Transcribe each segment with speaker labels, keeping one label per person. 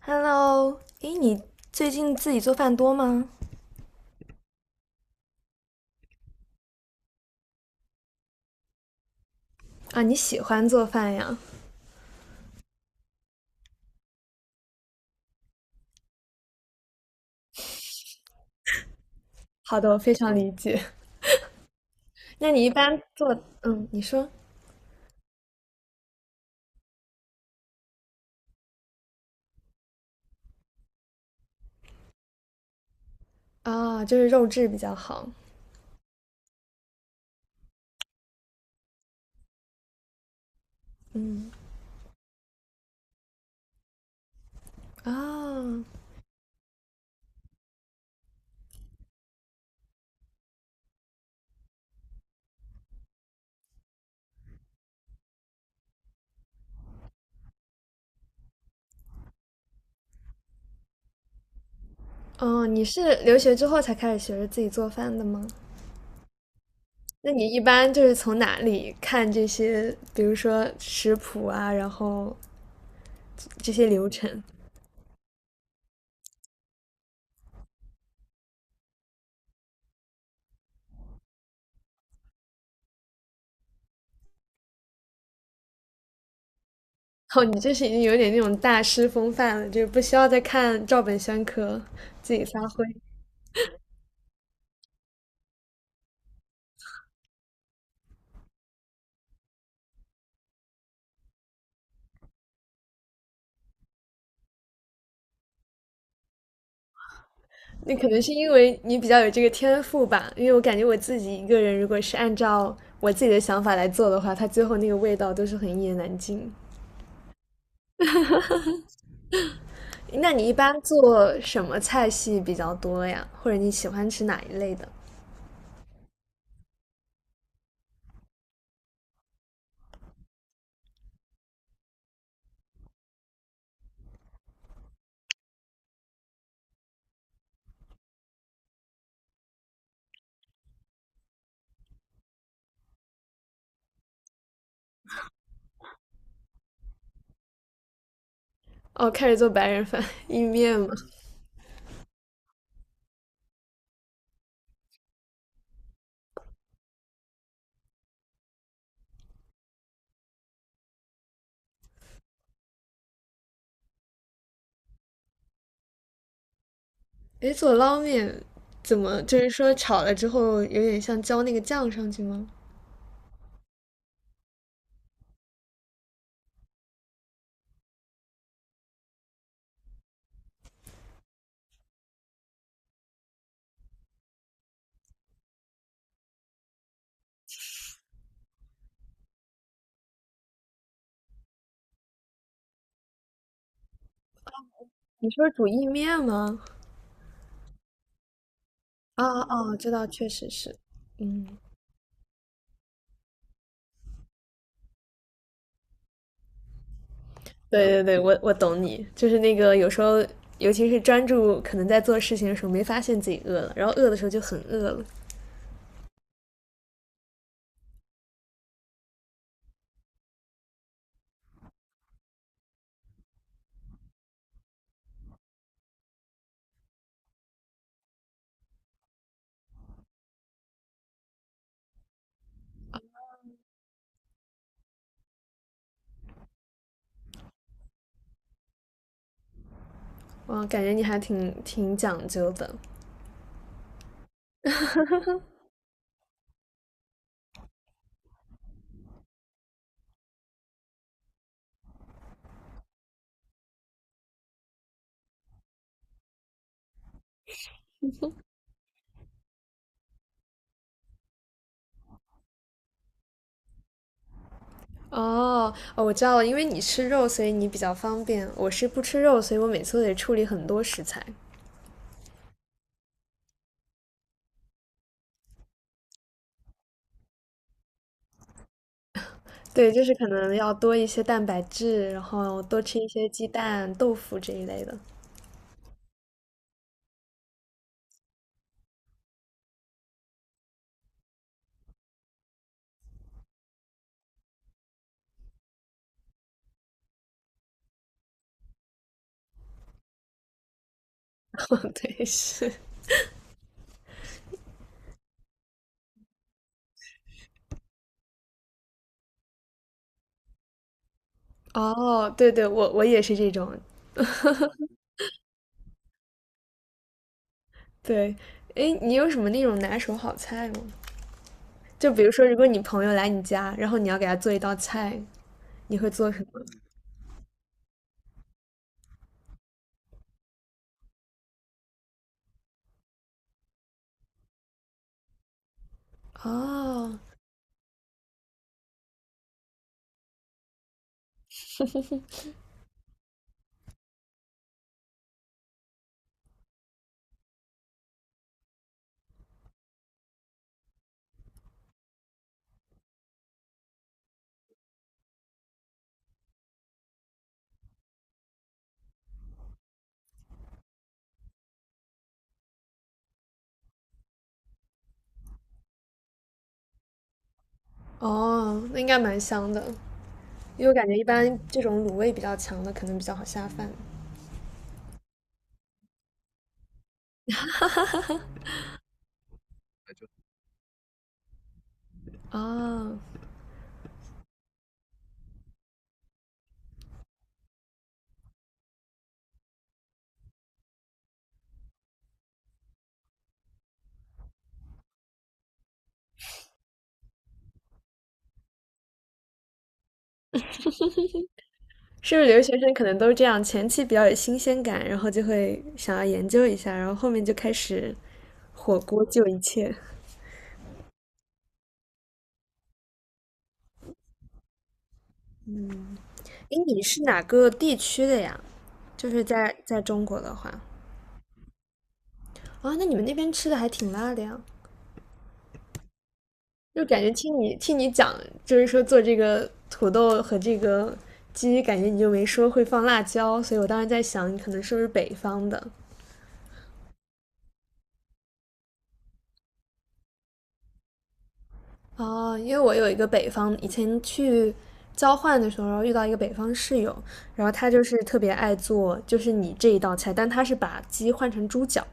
Speaker 1: Hello，诶，你最近自己做饭多吗？啊，你喜欢做饭呀？好的，我非常理解。那你一般做，嗯，你说。啊，就是肉质比较好。嗯。啊。哦，你是留学之后才开始学着自己做饭的吗？那你一般就是从哪里看这些，比如说食谱啊，然后这些流程？哦，你这是已经有点那种大师风范了，就是不需要再看照本宣科，自己发挥。那可能是因为你比较有这个天赋吧，因为我感觉我自己一个人，如果是按照我自己的想法来做的话，它最后那个味道都是很一言难尽。那你一般做什么菜系比较多呀？或者你喜欢吃哪一类的？哦，开始做白人饭、意面嘛。诶，做捞面怎么就是说炒了之后有点像浇那个酱上去吗？你说煮意面吗？哦哦，知道，确实是。嗯，对对对，我懂你，就是那个有时候，尤其是专注可能在做事情的时候，没发现自己饿了，然后饿的时候就很饿了。哇，感觉你还挺挺讲究的。哦哦，我知道了，因为你吃肉，所以你比较方便。我是不吃肉，所以我每次都得处理很多食材。对，就是可能要多一些蛋白质，然后多吃一些鸡蛋、豆腐这一类的。对，是。哦，对对，我也是这种。对，诶，你有什么那种拿手好菜吗？就比如说，如果你朋友来你家，然后你要给他做一道菜，你会做什么？哦哦，那应该蛮香的，因为我感觉一般这种卤味比较强的，可能比较好下饭。哦，是不是留学生可能都是这样？前期比较有新鲜感，然后就会想要研究一下，然后后面就开始火锅救一切。诶，你是哪个地区的呀？就是在中国的话，啊、那你们那边吃的还挺辣的呀。就感觉听你讲，就是说做这个土豆和这个鸡，感觉你就没说会放辣椒，所以我当时在想，你可能是不是北方的。哦？因为我有一个北方，以前去交换的时候遇到一个北方室友，然后他就是特别爱做，就是你这一道菜，但他是把鸡换成猪脚。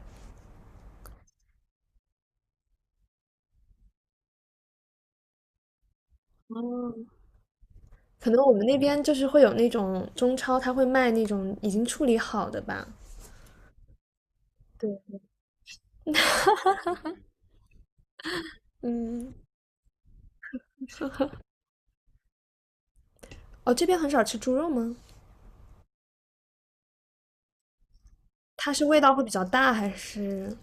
Speaker 1: 可能我们那边就是会有那种中超，他会卖那种已经处理好的吧？对。嗯。哦，这边很少吃猪肉吗？它是味道会比较大还是？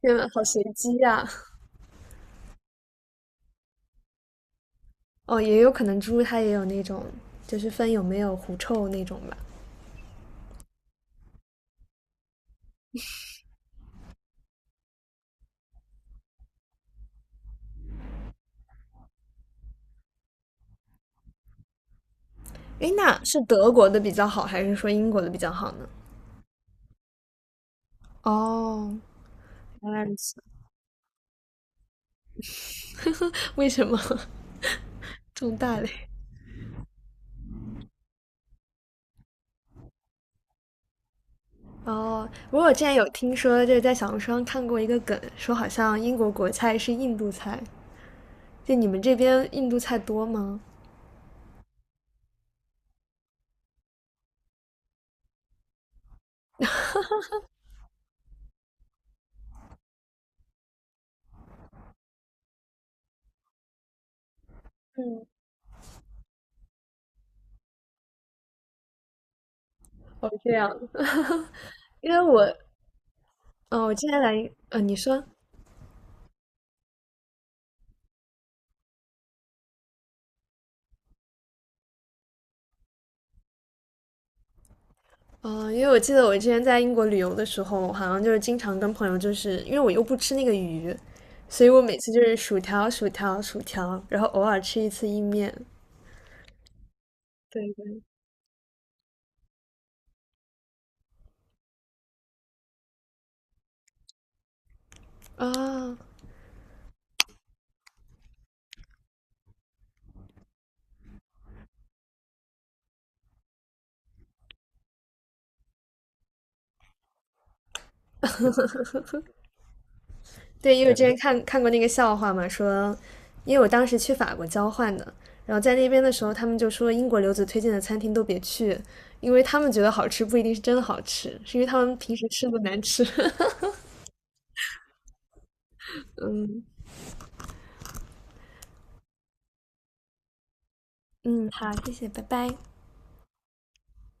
Speaker 1: 天呐，好随机呀、哦，也有可能猪它也有那种，就是分有没有狐臭那种吧。诶，那是德国的比较好，还是说英国的比较好呢？哦，原来如此。为什么 这么大嘞？哦，不过我之前有听说，就是在小红书上看过一个梗，说好像英国国菜是印度菜，就你们这边印度菜多吗？哦，这样，因为我，嗯、我之前来，你说，嗯，因为我记得我之前在英国旅游的时候，好像就是经常跟朋友，就是因为我又不吃那个鱼，所以我每次就是薯条、薯条、薯条，然后偶尔吃一次意面。对对。啊，对，因为我之前看过那个笑话嘛，说，因为我当时去法国交换的，然后在那边的时候，他们就说英国留子推荐的餐厅都别去，因为他们觉得好吃不一定是真的好吃，是因为他们平时吃的难吃。嗯，好，谢谢，拜拜。